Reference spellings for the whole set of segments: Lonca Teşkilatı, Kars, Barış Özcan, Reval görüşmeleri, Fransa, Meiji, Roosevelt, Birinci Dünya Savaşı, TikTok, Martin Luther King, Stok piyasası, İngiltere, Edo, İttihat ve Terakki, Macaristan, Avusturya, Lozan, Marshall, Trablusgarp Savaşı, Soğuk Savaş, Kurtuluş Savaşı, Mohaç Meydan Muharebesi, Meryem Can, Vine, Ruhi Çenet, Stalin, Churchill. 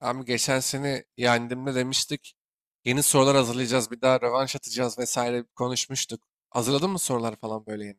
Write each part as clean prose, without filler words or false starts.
Abi geçen seni yendiğimde demiştik. Yeni sorular hazırlayacağız, bir daha rövanş atacağız vesaire konuşmuştuk. Hazırladın mı sorular falan böyle yeni?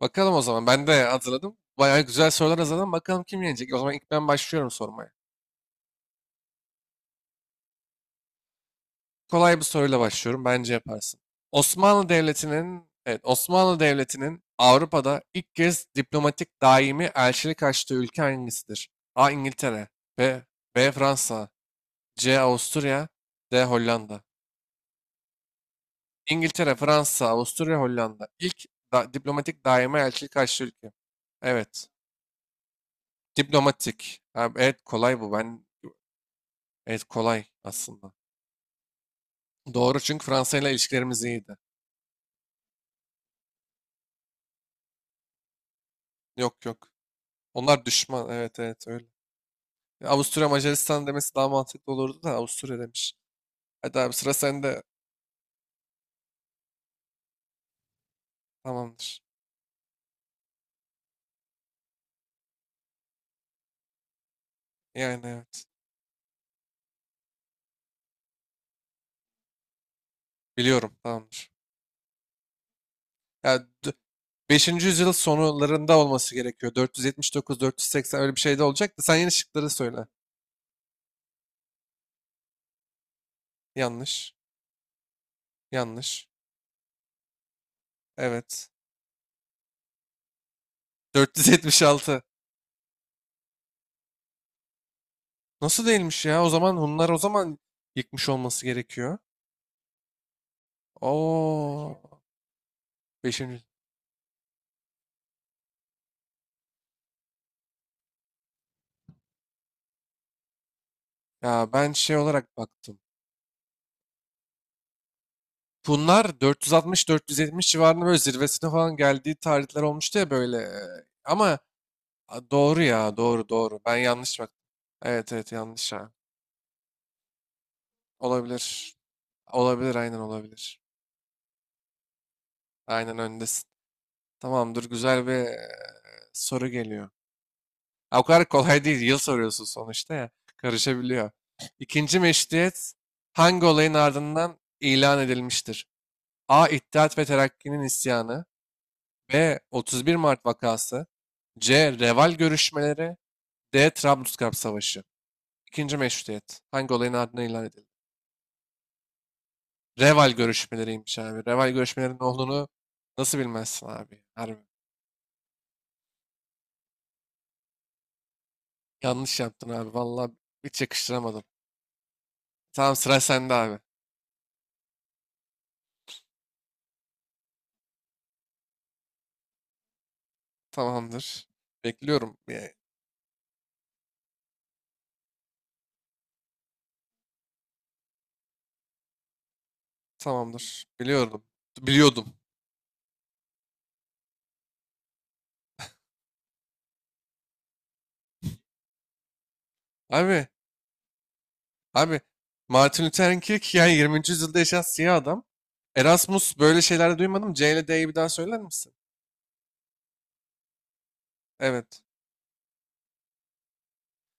Bakalım o zaman. Ben de hazırladım. Bayağı güzel sorular hazırladım. Bakalım kim yenecek? O zaman ilk ben başlıyorum sormaya. Kolay bir soruyla başlıyorum. Bence yaparsın. Osmanlı Devleti'nin, evet Osmanlı Devleti'nin Avrupa'da ilk kez diplomatik daimi elçilik açtığı ülke hangisidir? A. İngiltere, B. B. Fransa, C. Avusturya, D. Hollanda. İngiltere, Fransa, Avusturya, Hollanda. İlk diplomatik daima elçilik açtığı ülke. Evet. Diplomatik. Ha, evet kolay bu. Evet kolay aslında. Doğru çünkü Fransa ile ilişkilerimiz iyiydi. Yok yok. Onlar düşman. Evet evet öyle. Ya, Avusturya Macaristan demesi daha mantıklı olurdu da Avusturya demiş. Hadi abi sıra sende. Tamamdır. Yani evet. Biliyorum tamamdır. Ya, 5. yüzyıl sonlarında olması gerekiyor. 479-480 öyle bir şey de olacaktı. Sen yeni şıkları söyle. Yanlış. Yanlış. Evet. 476. Nasıl değilmiş ya? O zaman Hunlar o zaman yıkmış olması gerekiyor. Oo. Beşinci. Ya ben şey olarak baktım. Hunlar 460-470 civarında böyle zirvesine falan geldiği tarihler olmuştu ya böyle. Ama a, doğru ya doğru doğru. Ben yanlış baktım. Evet evet yanlış ha. Olabilir. Olabilir aynen olabilir. Aynen öndesin. Tamamdır güzel bir soru geliyor. Ha, o kadar kolay değil. Yıl soruyorsun sonuçta ya. Karışabiliyor. İkinci meşruiyet hangi olayın ardından ilan edilmiştir? A. İttihat ve Terakki'nin isyanı. B. 31 Mart vakası. C. Reval görüşmeleri. D. Trablusgarp Savaşı. İkinci meşrutiyet. Hangi olayın ardından ilan edildi? Reval görüşmeleriymiş abi. Reval görüşmelerinin olduğunu nasıl bilmezsin abi? Harbi. Yanlış yaptın abi. Vallahi hiç yakıştıramadım. Tamam sıra sende abi. Tamamdır. Bekliyorum. Yani tamamdır. Biliyordum. Biliyordum. Abi, abi, Martin Luther King yani 20. yüzyılda yaşayan siyah adam. Erasmus böyle şeyler duymadım. C ile D'yi bir daha söyler misin? Evet.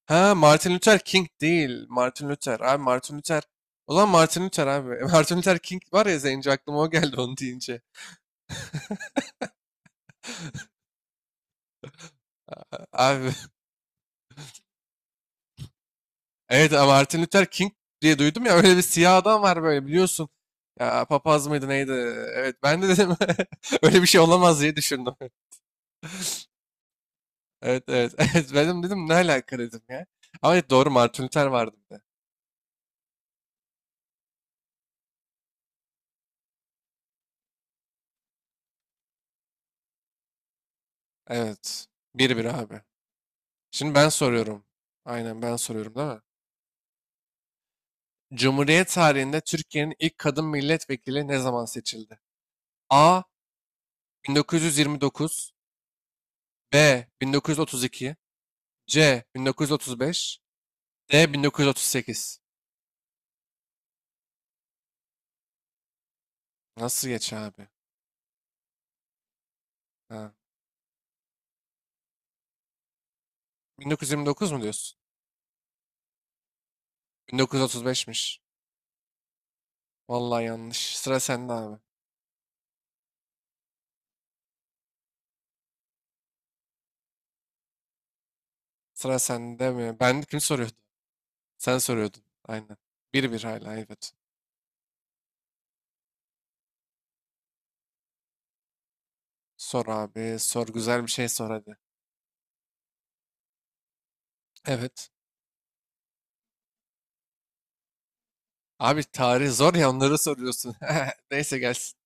Ha Martin Luther King değil. Martin Luther. Abi Martin Luther. O zaman Martin Luther abi. Martin Luther King var ya zenci aklıma o geldi onu deyince. Abi. Evet abi, Martin Luther King diye duydum ya öyle bir siyah adam var böyle biliyorsun. Ya papaz mıydı neydi? Evet ben de dedim öyle bir şey olamaz diye düşündüm. Evet evet. Evet benim dedim ne alaka dedim ya. Ama evet, doğru Martin Luther vardı bir de. Evet. 1-1 abi. Şimdi ben soruyorum. Aynen ben soruyorum değil mi? Cumhuriyet tarihinde Türkiye'nin ilk kadın milletvekili ne zaman seçildi? A. 1929 B. 1932 C. 1935 D. 1938 Nasıl geç abi? Ha. 1929 mu diyorsun? 1935'miş. Vallahi yanlış. Sıra sende abi. Sıra sende mi? Ben kim soruyordu? Sen soruyordun. Aynen. 1-1 hala evet. Sor abi. Sor güzel bir şey sor hadi. Evet. Abi tarih zor ya onları soruyorsun. Neyse gelsin.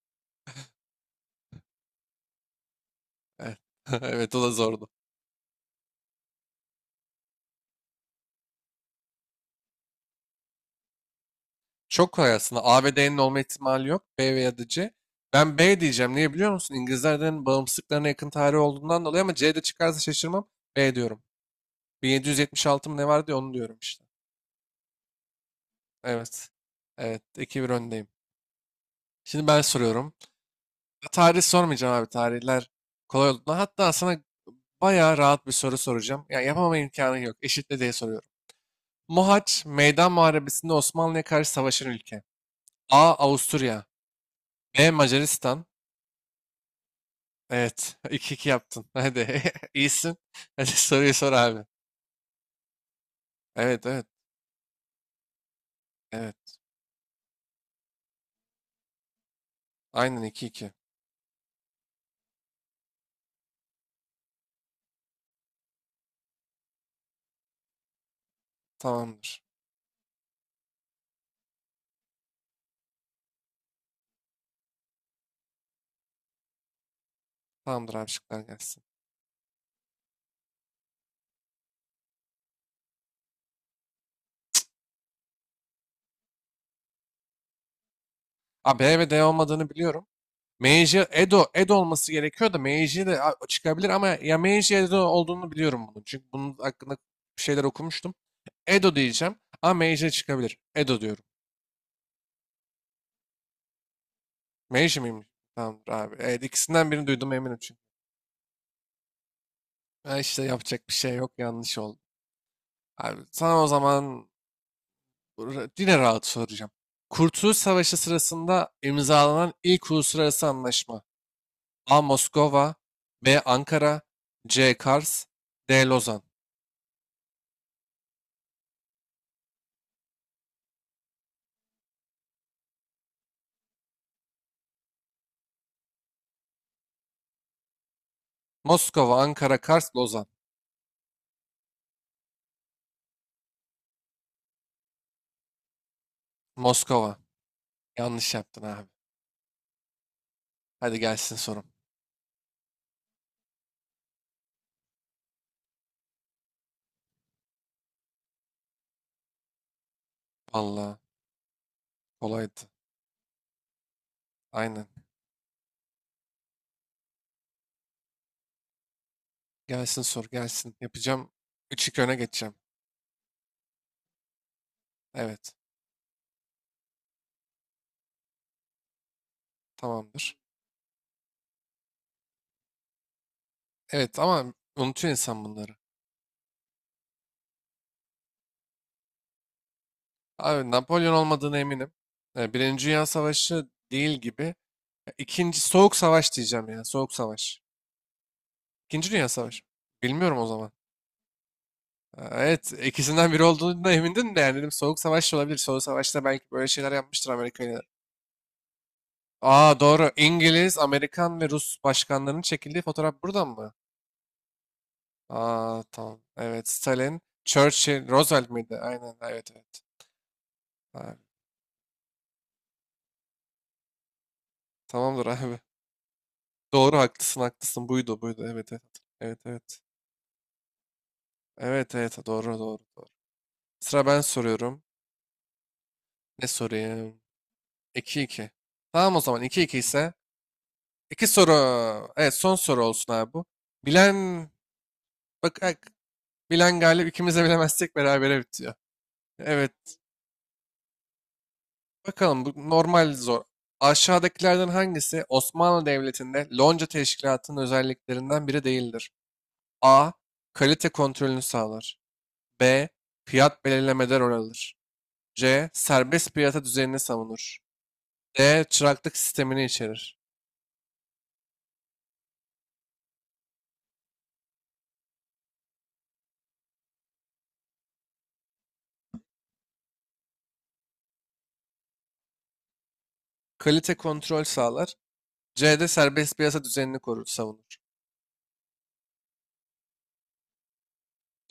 Evet. Evet o da zordu. Çok kolay aslında. A ve D'nin olma ihtimali yok. B veya da C. Ben B diyeceğim. Niye biliyor musun? İngilizlerden bağımsızlıklarına yakın tarih olduğundan dolayı ama C de çıkarsa şaşırmam. B diyorum. 1776 mı ne vardı ya onu diyorum işte. Evet. Evet. 2-1 öndeyim. Şimdi ben soruyorum. Tarih sormayacağım abi. Tarihler kolay oldu. Hatta sana bayağı rahat bir soru soracağım. Ya yapamama imkanın yok. Eşitle diye soruyorum. Mohaç, Meydan Muharebesi'nde Osmanlı'ya karşı savaşan ülke. A. Avusturya. B. Macaristan. Evet. 2 iki yaptın. Hadi. İyisin. Hadi soruyu sor abi. Evet evet. Evet. Aynen 2-2. Tamamdır. Tamamdır abi şıklar gelsin. A, B ve D olmadığını biliyorum. Meiji Edo, Edo olması gerekiyor da Meiji de çıkabilir ama ya Meiji Edo olduğunu biliyorum bunun. Çünkü bunun hakkında bir şeyler okumuştum. Edo diyeceğim ama Meiji çıkabilir. Edo diyorum. Meiji miyim? Tamamdır abi. Evet, ikisinden birini duydum eminim çünkü. Ha işte yapacak bir şey yok yanlış oldu. Abi sana o zaman yine rahat soracağım. Kurtuluş Savaşı sırasında imzalanan ilk uluslararası anlaşma. A. Moskova B. Ankara C. Kars D. Lozan Moskova, Ankara, Kars, Lozan. Moskova. Yanlış yaptın abi. Hadi gelsin sorum. Vallahi kolaydı. Aynen. Gelsin sor, gelsin. Yapacağım. 3-2 öne geçeceğim. Evet. Tamamdır. Evet ama unutuyor insan bunları. Abi Napolyon olmadığına eminim. E, Birinci Dünya Savaşı değil gibi. E, İkinci Soğuk Savaş diyeceğim ya. Soğuk Savaş. İkinci Dünya Savaşı. Bilmiyorum o zaman. E, evet, ikisinden biri olduğuna emindin de yani dedim Soğuk Savaş da olabilir. Soğuk Savaş'ta belki böyle şeyler yapmıştır Amerika. Aa doğru. İngiliz, Amerikan ve Rus başkanlarının çekildiği fotoğraf buradan mı? Aa tamam. Evet. Stalin, Churchill, Roosevelt miydi? Aynen. Evet evet. Ha, tamamdır abi. Doğru haklısın haklısın. Buydu buydu. Evet evet. Evet evet. Evet evet doğru doğru. Doğru. Sıra ben soruyorum. Ne sorayım? 2 iki. Tamam o zaman 2-2 ise. İki soru. Evet son soru olsun abi bu. Bilen bak, bak bilen galip ikimiz de bilemezsek berabere bitiyor. Evet. Bakalım bu normal zor. Aşağıdakilerden hangisi Osmanlı Devleti'nde Lonca Teşkilatı'nın özelliklerinden biri değildir? A. Kalite kontrolünü sağlar. B. Fiyat belirlemede rol alır. C. Serbest piyasa düzenini savunur. D. Çıraklık sistemini içerir. Kalite kontrol sağlar. C de serbest piyasa düzenini korur, savunur.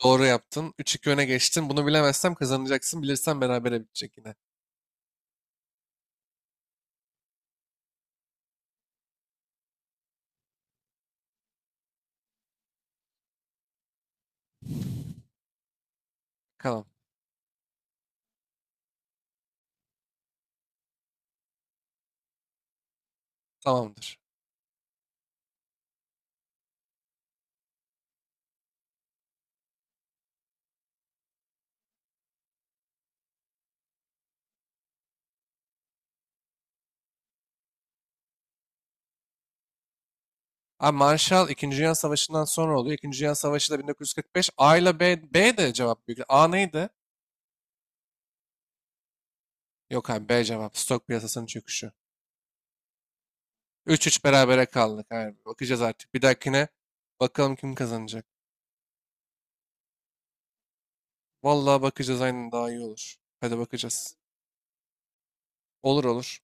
Doğru yaptın. 3-2 öne geçtin. Bunu bilemezsem kazanacaksın. Bilirsen berabere bitecek yine. Bakalım. Tamamdır. Abi Marshall 2. Dünya Savaşı'ndan sonra oluyor. 2. Dünya Savaşı da 1945. A ile B, B de cevap büyük. A neydi? Yok abi B cevap. Stok piyasasının çöküşü. 3-3 berabere kaldık. Abi. Bakacağız artık. Bir dahakine bakalım kim kazanacak. Vallahi bakacağız aynen daha iyi olur. Hadi bakacağız. Olur olur.